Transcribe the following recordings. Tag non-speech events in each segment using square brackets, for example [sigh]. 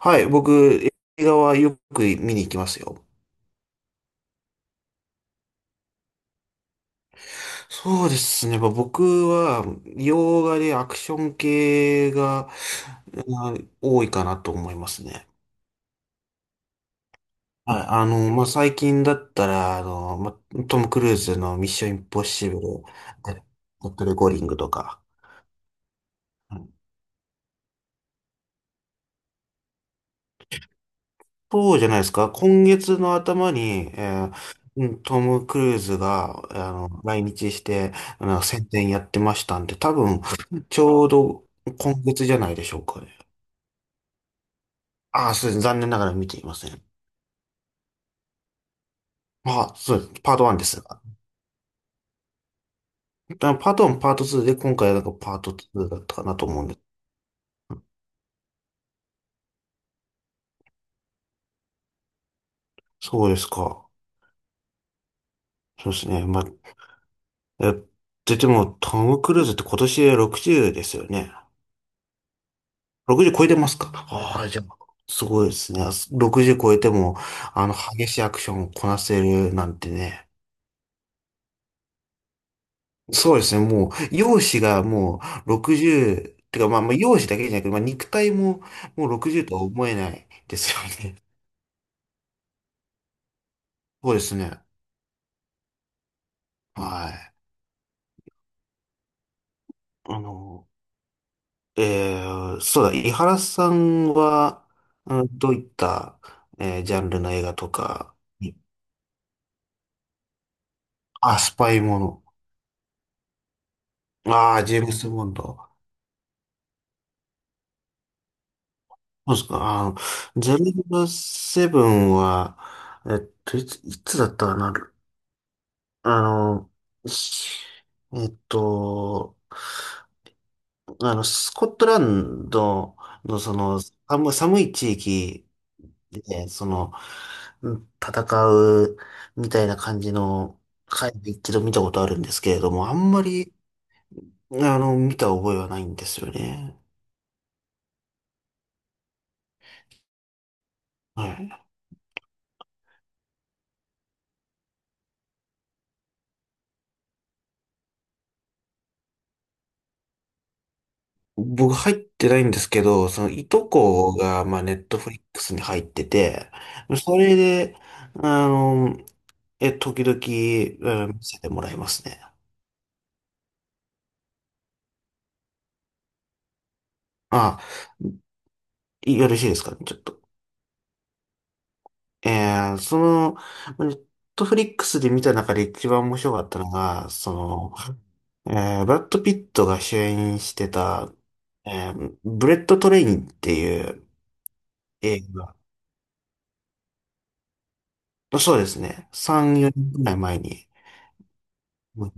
はい、僕、映画はよく見に行きますよ。そうですね。まあ僕は、洋画でアクション系が、あ多いかなと思いますね。はい。まあ、最近だったら、まあ、トム・クルーズのミッション・インポッシブル、デッドレゴーリングとか。そうじゃないですか。今月の頭に、ーうんトム・クルーズが、来日して、宣伝やってましたんで、多分、ちょうど今月じゃないでしょうかね。ああ、そうです。残念ながら見ていません。まあ、そうです。パート1ですが。パート1、パート2で、今回はなんかパート2だったかなと思うんです。そうですか。そうですね。まあ、え、でも、トム・クルーズって今年で60ですよね。60超えてますか？ああ、じゃあ、すごいですね。60超えても、激しいアクションをこなせるなんてね。そうですね。もう、容姿がもう60、てか、まあ、容姿だけじゃなくて、まあ、肉体ももう60とは思えないですよね。そうですね。はい。あの、えそうだ、井原さんは、うんどういった、ジャンルの映画とかに、あ、スパイもの。ああ、ジェームス・ボンド。そうですか。ゼロセブンは、いつだったかな。あの、しえっと、スコットランドのその、寒い地域で、その、うん戦うみたいな感じの回で一度見たことあるんですけれども、あんまり、見た覚えはないんですよね。はい。僕入ってないんですけど、そのいとこが、まあ、ネットフリックスに入ってて、それで、あの、時々、うん見せてもらいますね。あ、よろしいですかね、ちょっと。その、ネットフリックスで見た中で一番面白かったのが、その、ブラッド・ピットが主演してた、ブレット・トレインっていう映画。そうですね。3、4年くらい前に。うん、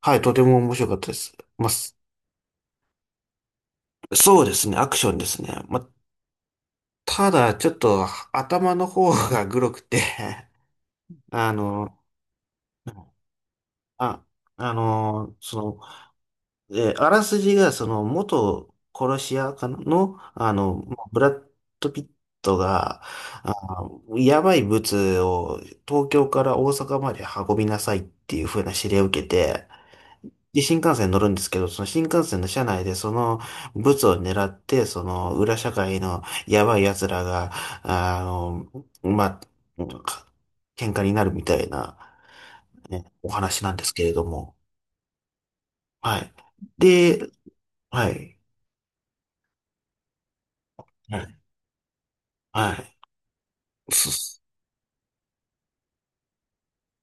はい、とても面白かったです。まあ、そうですね、アクションですね。まあ、ただ、ちょっと頭の方がグロくて [laughs] あの、あ、その、あらすじが、その、元殺し屋かなの、ブラッド・ピットが、あやばい物を東京から大阪まで運びなさいっていう風な指令を受けて、で、新幹線に乗るんですけど、その新幹線の車内でそのブツを狙って、その裏社会のやばい奴らが、あの、まあ、喧嘩になるみたいな、ね、お話なんですけれども。はい。で、はい。はい。はい。そ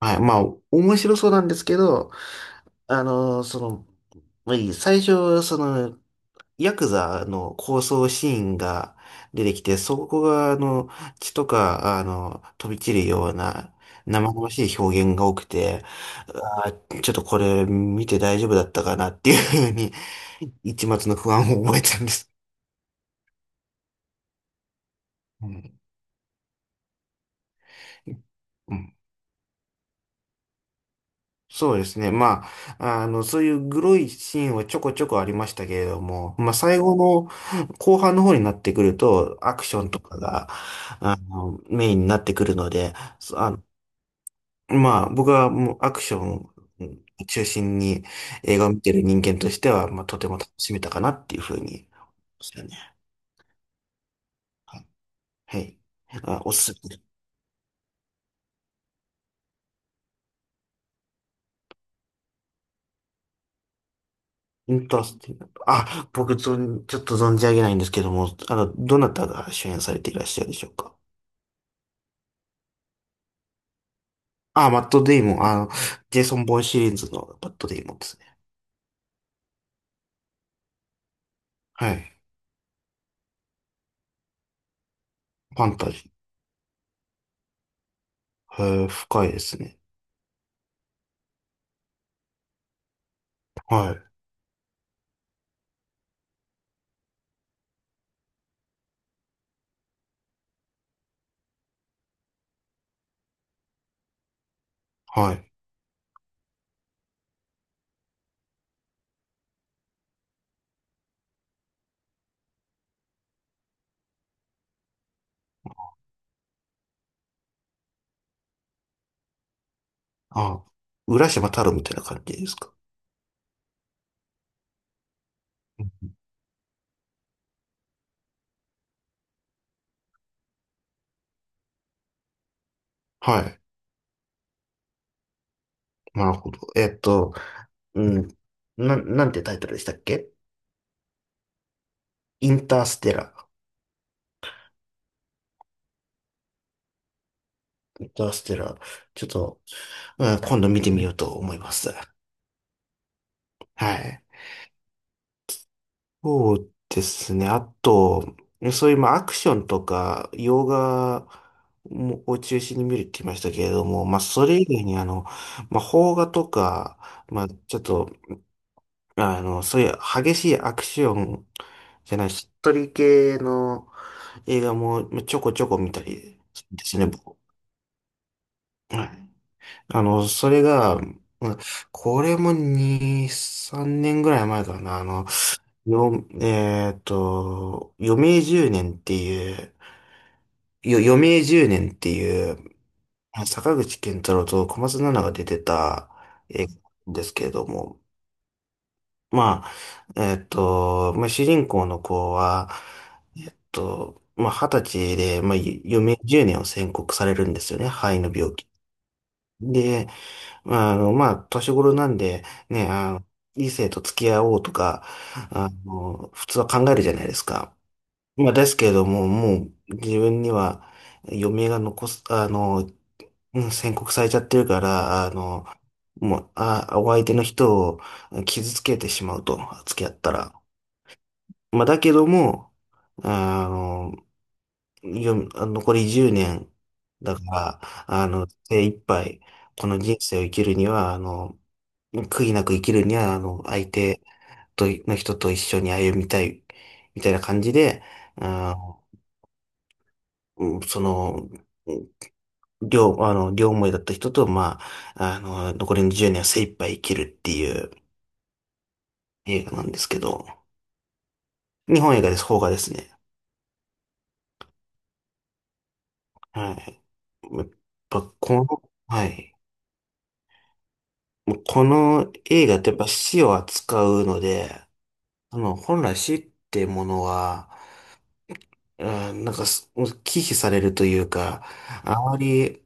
はい。まあ、面白そうなんですけど、その、まあ最初、その、ヤクザの抗争シーンが出てきて、そこが、血とか、飛び散るような、生々しい表現が多くて、ちょっとこれ見て大丈夫だったかなっていうふうに、一抹の不安を覚えたんです。うん。うんそうですね。まあ、そういうグロいシーンはちょこちょこありましたけれども、まあ、最後の後半の方になってくると、アクションとかが、メインになってくるので、そあの、まあ、僕はもうアクション中心に映画を見てる人間としては、まあ、とても楽しめたかなっていうふうに、そうですね。はい。はいおすすめ。インタースティあ、僕、ちょっと存じ上げないんですけども、どなたが主演されていらっしゃるでしょうか？あ、マットデイモン、ジェイソン・ボーンシリーズのマットデイモンですね。はい。ファンタジー。へー、深いですね。はい。はい。あ、浦島太郎みたいな感じですか？うんはい。なるほど。うん。なんてタイトルでしたっけ？インターステラー。インターステラー。ちょっと、うん、今度見てみようと思います。はい。そうですね。あと、そういうまあアクションとか、洋画もを中心に見るって言いましたけれども、まあそれ以外にあの、まあ邦画とか、まあちょっと、そういう激しいアクションじゃない、しっとり系の映画もまあちょこちょこ見たりするんですね、僕。はい。それが、これも2、3年ぐらい前かな。あの、よ、えーっと、余命十年っていう、余命十年っていう、坂口健太郎と小松菜奈が出てた映画なんですけれども、まあ、まあ、主人公の子は、まあ、二十歳で、まあ、余命十年を宣告されるんですよね、肺の病気。で、まあ、まあ、年頃なんで、ね、異性と付き合おうとか、普通は考えるじゃないですか。まあ、ですけれども、もう自分には余命が残す、宣告されちゃってるから、もう、お相手の人を傷つけてしまうと、付き合ったら。まあ、だけども、あの、残り10年だから、精一杯、この人生を生きるには、悔いなく生きるには、相手と、の人と一緒に歩みたい、みたいな感じで、あの、うんその、両、あの、両思いだった人と、まあ、残りの10年は精一杯生きるっていう映画なんですけど、日本映画です、邦画ですね。はい。やっぱ、この、はい。もうこの映画ってやっぱ死を扱うので、本来死ってものは、なんか、もう忌避されるというか、あまり、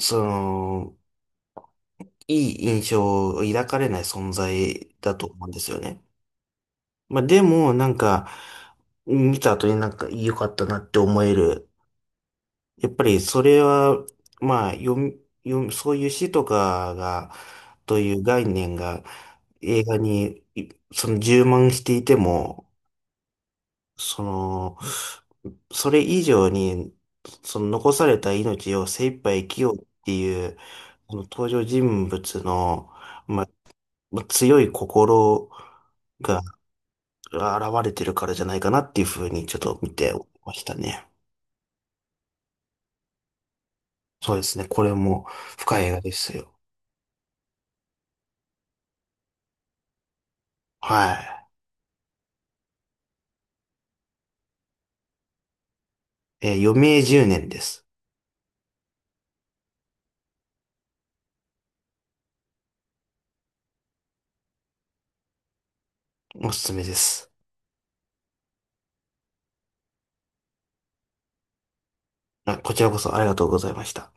その、いい印象を抱かれない存在だと思うんですよね。まあでも、なんか、見た後になんか良かったなって思える。やっぱりそれは、まあ、読み、読み、そういう詩とかが、という概念が映画にその充満していても、その、それ以上に、その残された命を精一杯生きようっていう、この登場人物の、まあ、まあ、強い心が、現れてるからじゃないかなっていうふうにちょっと見てましたね。そうですね。これも深い映画ですよ。はい。余命10年です。おすすめです。こちらこそありがとうございました。